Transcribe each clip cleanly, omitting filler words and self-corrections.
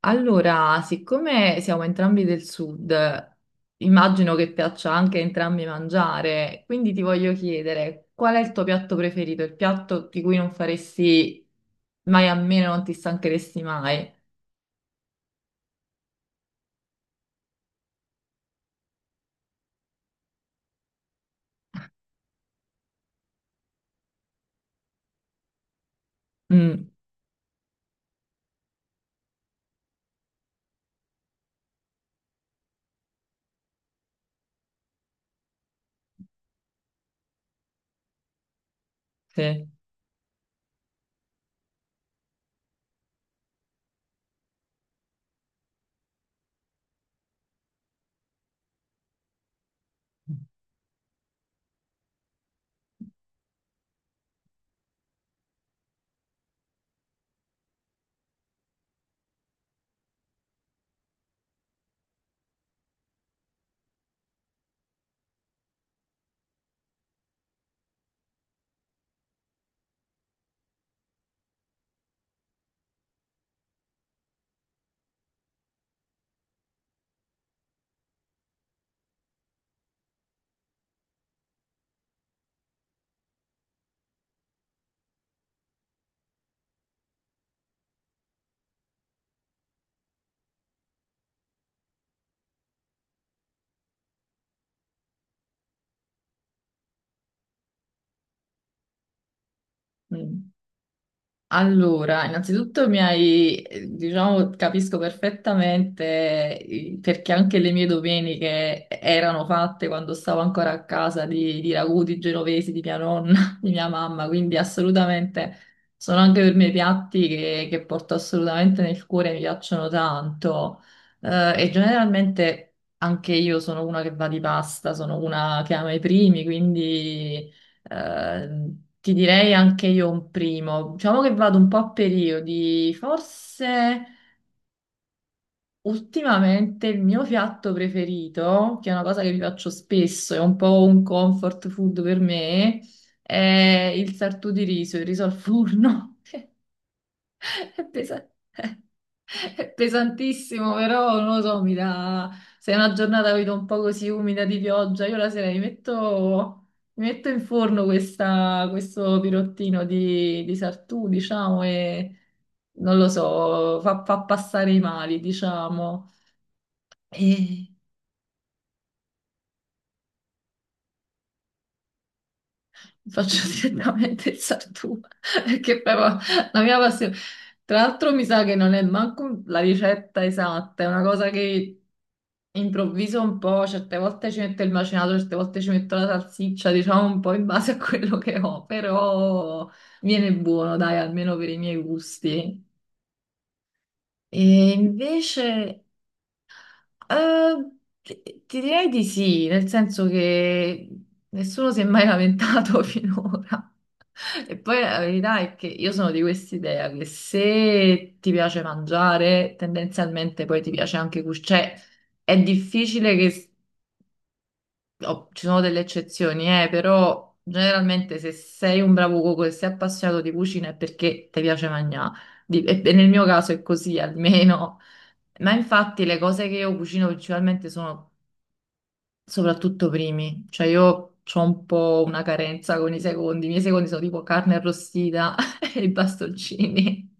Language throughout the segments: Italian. Allora, siccome siamo entrambi del sud, immagino che piaccia anche a entrambi mangiare, quindi ti voglio chiedere qual è il tuo piatto preferito, il piatto di cui non faresti mai a meno, non ti stancheresti mai. Mm, sì. Mm. Mm. Allora, innanzitutto mi hai, diciamo, capisco perfettamente perché anche le mie domeniche erano fatte quando stavo ancora a casa di ragù, di genovesi, di mia nonna, di mia mamma, quindi assolutamente sono anche per me piatti che porto assolutamente nel cuore, mi piacciono tanto. E generalmente anche io sono una che va di pasta, sono una che ama i primi, quindi... Eh, ti direi anche io un primo. Diciamo che vado un po' a periodi. Forse ultimamente il mio piatto preferito, che è una cosa che vi faccio spesso, è un po' un comfort food per me, è il sartù di riso, il riso al forno. È pesa- è pesantissimo, però non lo so, mi dà... Se è una giornata vedo un po' così umida di pioggia, io la sera mi metto in forno questa- questo pirottino di Sartù, diciamo, e non lo so, fa, fa passare i mali, diciamo. E faccio direttamente il Sartù, perché proprio la mia passione... Tra l'altro mi sa che non è manco la ricetta esatta, è una cosa che improvviso un po', certe volte ci metto il macinato, certe volte ci metto la salsiccia, diciamo un po' in base a quello che ho, però viene buono, dai, almeno per i miei gusti. E invece, eh, ti direi di sì, nel senso che nessuno si è mai lamentato finora. E poi la verità è che io sono di quest'idea che se ti piace mangiare, tendenzialmente poi ti piace anche cucinare. Cioè, è difficile che oh, ci sono delle eccezioni, però generalmente se sei un bravo cuoco e sei appassionato di cucina è perché ti piace mangiare. Di- E nel mio caso è così almeno. Ma infatti le cose che io cucino principalmente sono soprattutto primi. Cioè io ho un po' una carenza con i secondi. I miei secondi sono tipo carne arrostita e i bastoncini.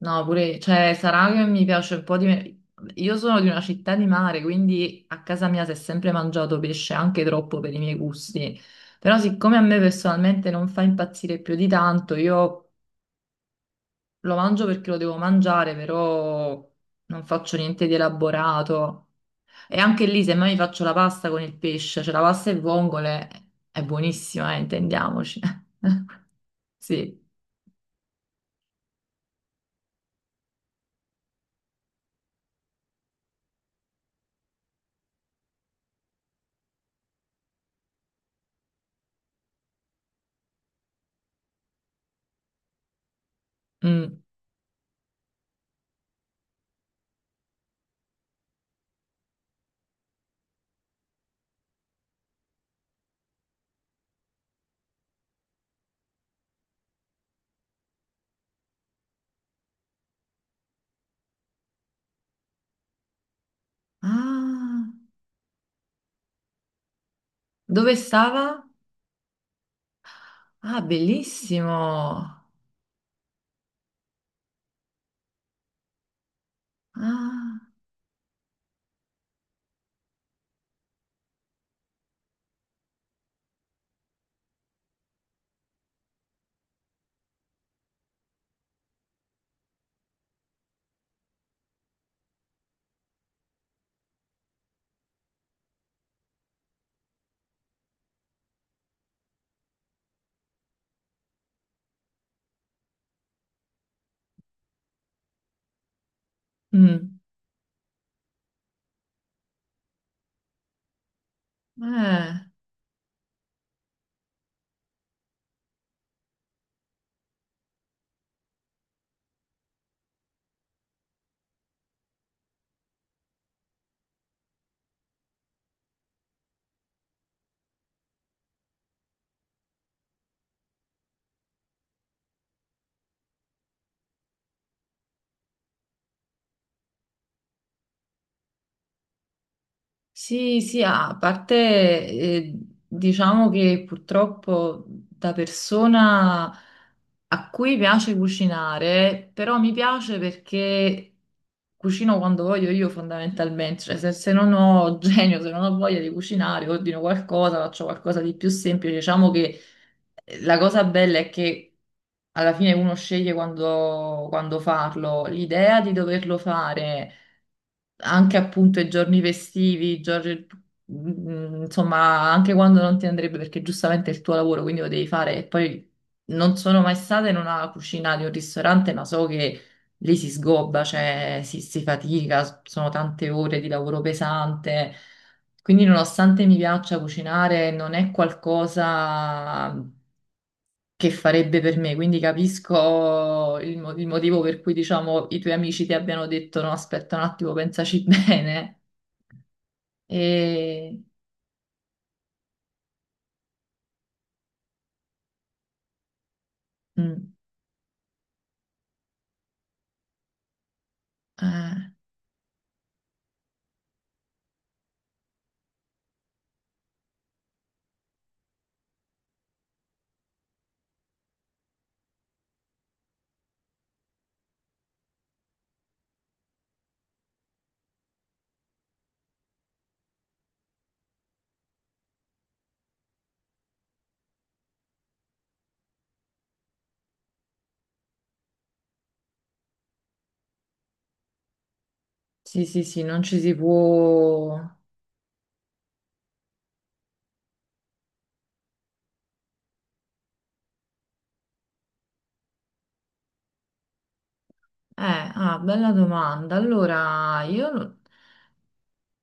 No, pure, cioè, sarà che mi piace un po' di... me- Io sono di una città di mare, quindi a casa mia si è sempre mangiato pesce, anche troppo per i miei gusti. Però siccome a me personalmente non fa impazzire più di tanto, io lo mangio perché lo devo mangiare, però non faccio niente di elaborato. E anche lì, se mai mi faccio la pasta con il pesce, cioè la pasta e vongole, è buonissima, intendiamoci. Sì. Mm. Ah, dove stava? Ah, bellissimo. Ah, mm. Eh, sì, sì, ah, a parte eh, diciamo che purtroppo da persona a cui piace cucinare, però mi piace perché cucino quando voglio io fondamentalmente, cioè se, se non ho genio, se non ho voglia di cucinare, ordino qualcosa, faccio qualcosa di più semplice, diciamo che la cosa bella è che alla fine uno sceglie quando, quando farlo. L'idea di doverlo fare anche appunto i giorni festivi, i giorni- mm, insomma, anche quando non ti andrebbe perché giustamente è il tuo lavoro, quindi lo devi fare. E poi non sono mai stata in una cucina di un ristorante, ma so che lì si sgobba, cioè si fatica, sono tante ore di lavoro pesante. Quindi nonostante mi piaccia cucinare, non è qualcosa che farebbe per me, quindi capisco il, mo- il motivo per cui, diciamo, i tuoi amici ti abbiano detto no, aspetta un attimo, pensaci bene. E... mm, eh, sì, sì, sì, non ci si può... ah, bella domanda. Allora, io no-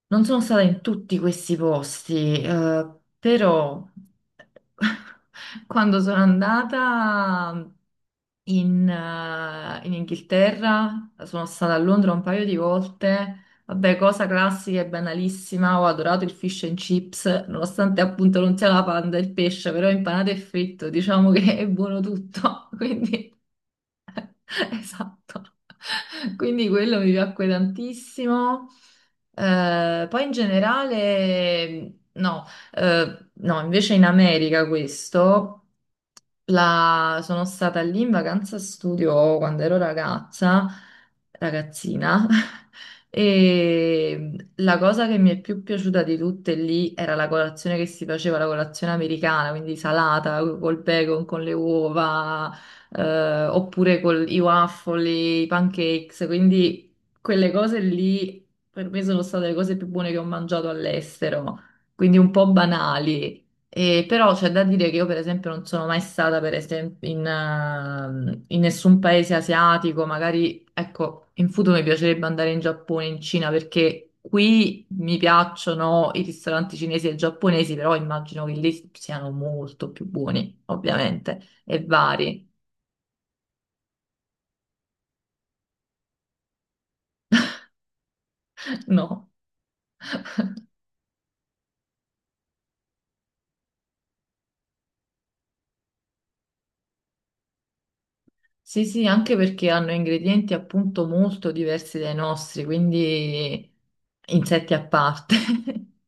non sono stata in tutti questi posti, però quando sono andata... in, in Inghilterra, sono stata a Londra un paio di volte. Vabbè, cosa classica e banalissima, ho adorato il fish and chips, nonostante appunto non sia la panda il pesce, però impanato e fritto, diciamo che è buono tutto, quindi esatto. Quindi quello mi piacque tantissimo. Poi in generale, no, no, invece in America questo. La- Sono stata lì in vacanza studio quando ero ragazza, ragazzina, e la cosa che mi è più piaciuta di tutte lì era la colazione che si faceva, la colazione americana, quindi salata col bacon, con le uova, oppure con i waffle, i pancakes, quindi quelle cose lì per me sono state le cose più buone che ho mangiato all'estero, quindi un po' banali. E però c'è da dire che io, per esempio, non sono mai stata, per esempio, in, in nessun paese asiatico. Magari, ecco, in futuro mi piacerebbe andare in Giappone, in Cina, perché qui mi piacciono i ristoranti cinesi e giapponesi, però immagino che lì siano molto più buoni, ovviamente, e vari, no? Sì, sì, anche perché hanno ingredienti appunto molto diversi dai nostri, quindi insetti a parte.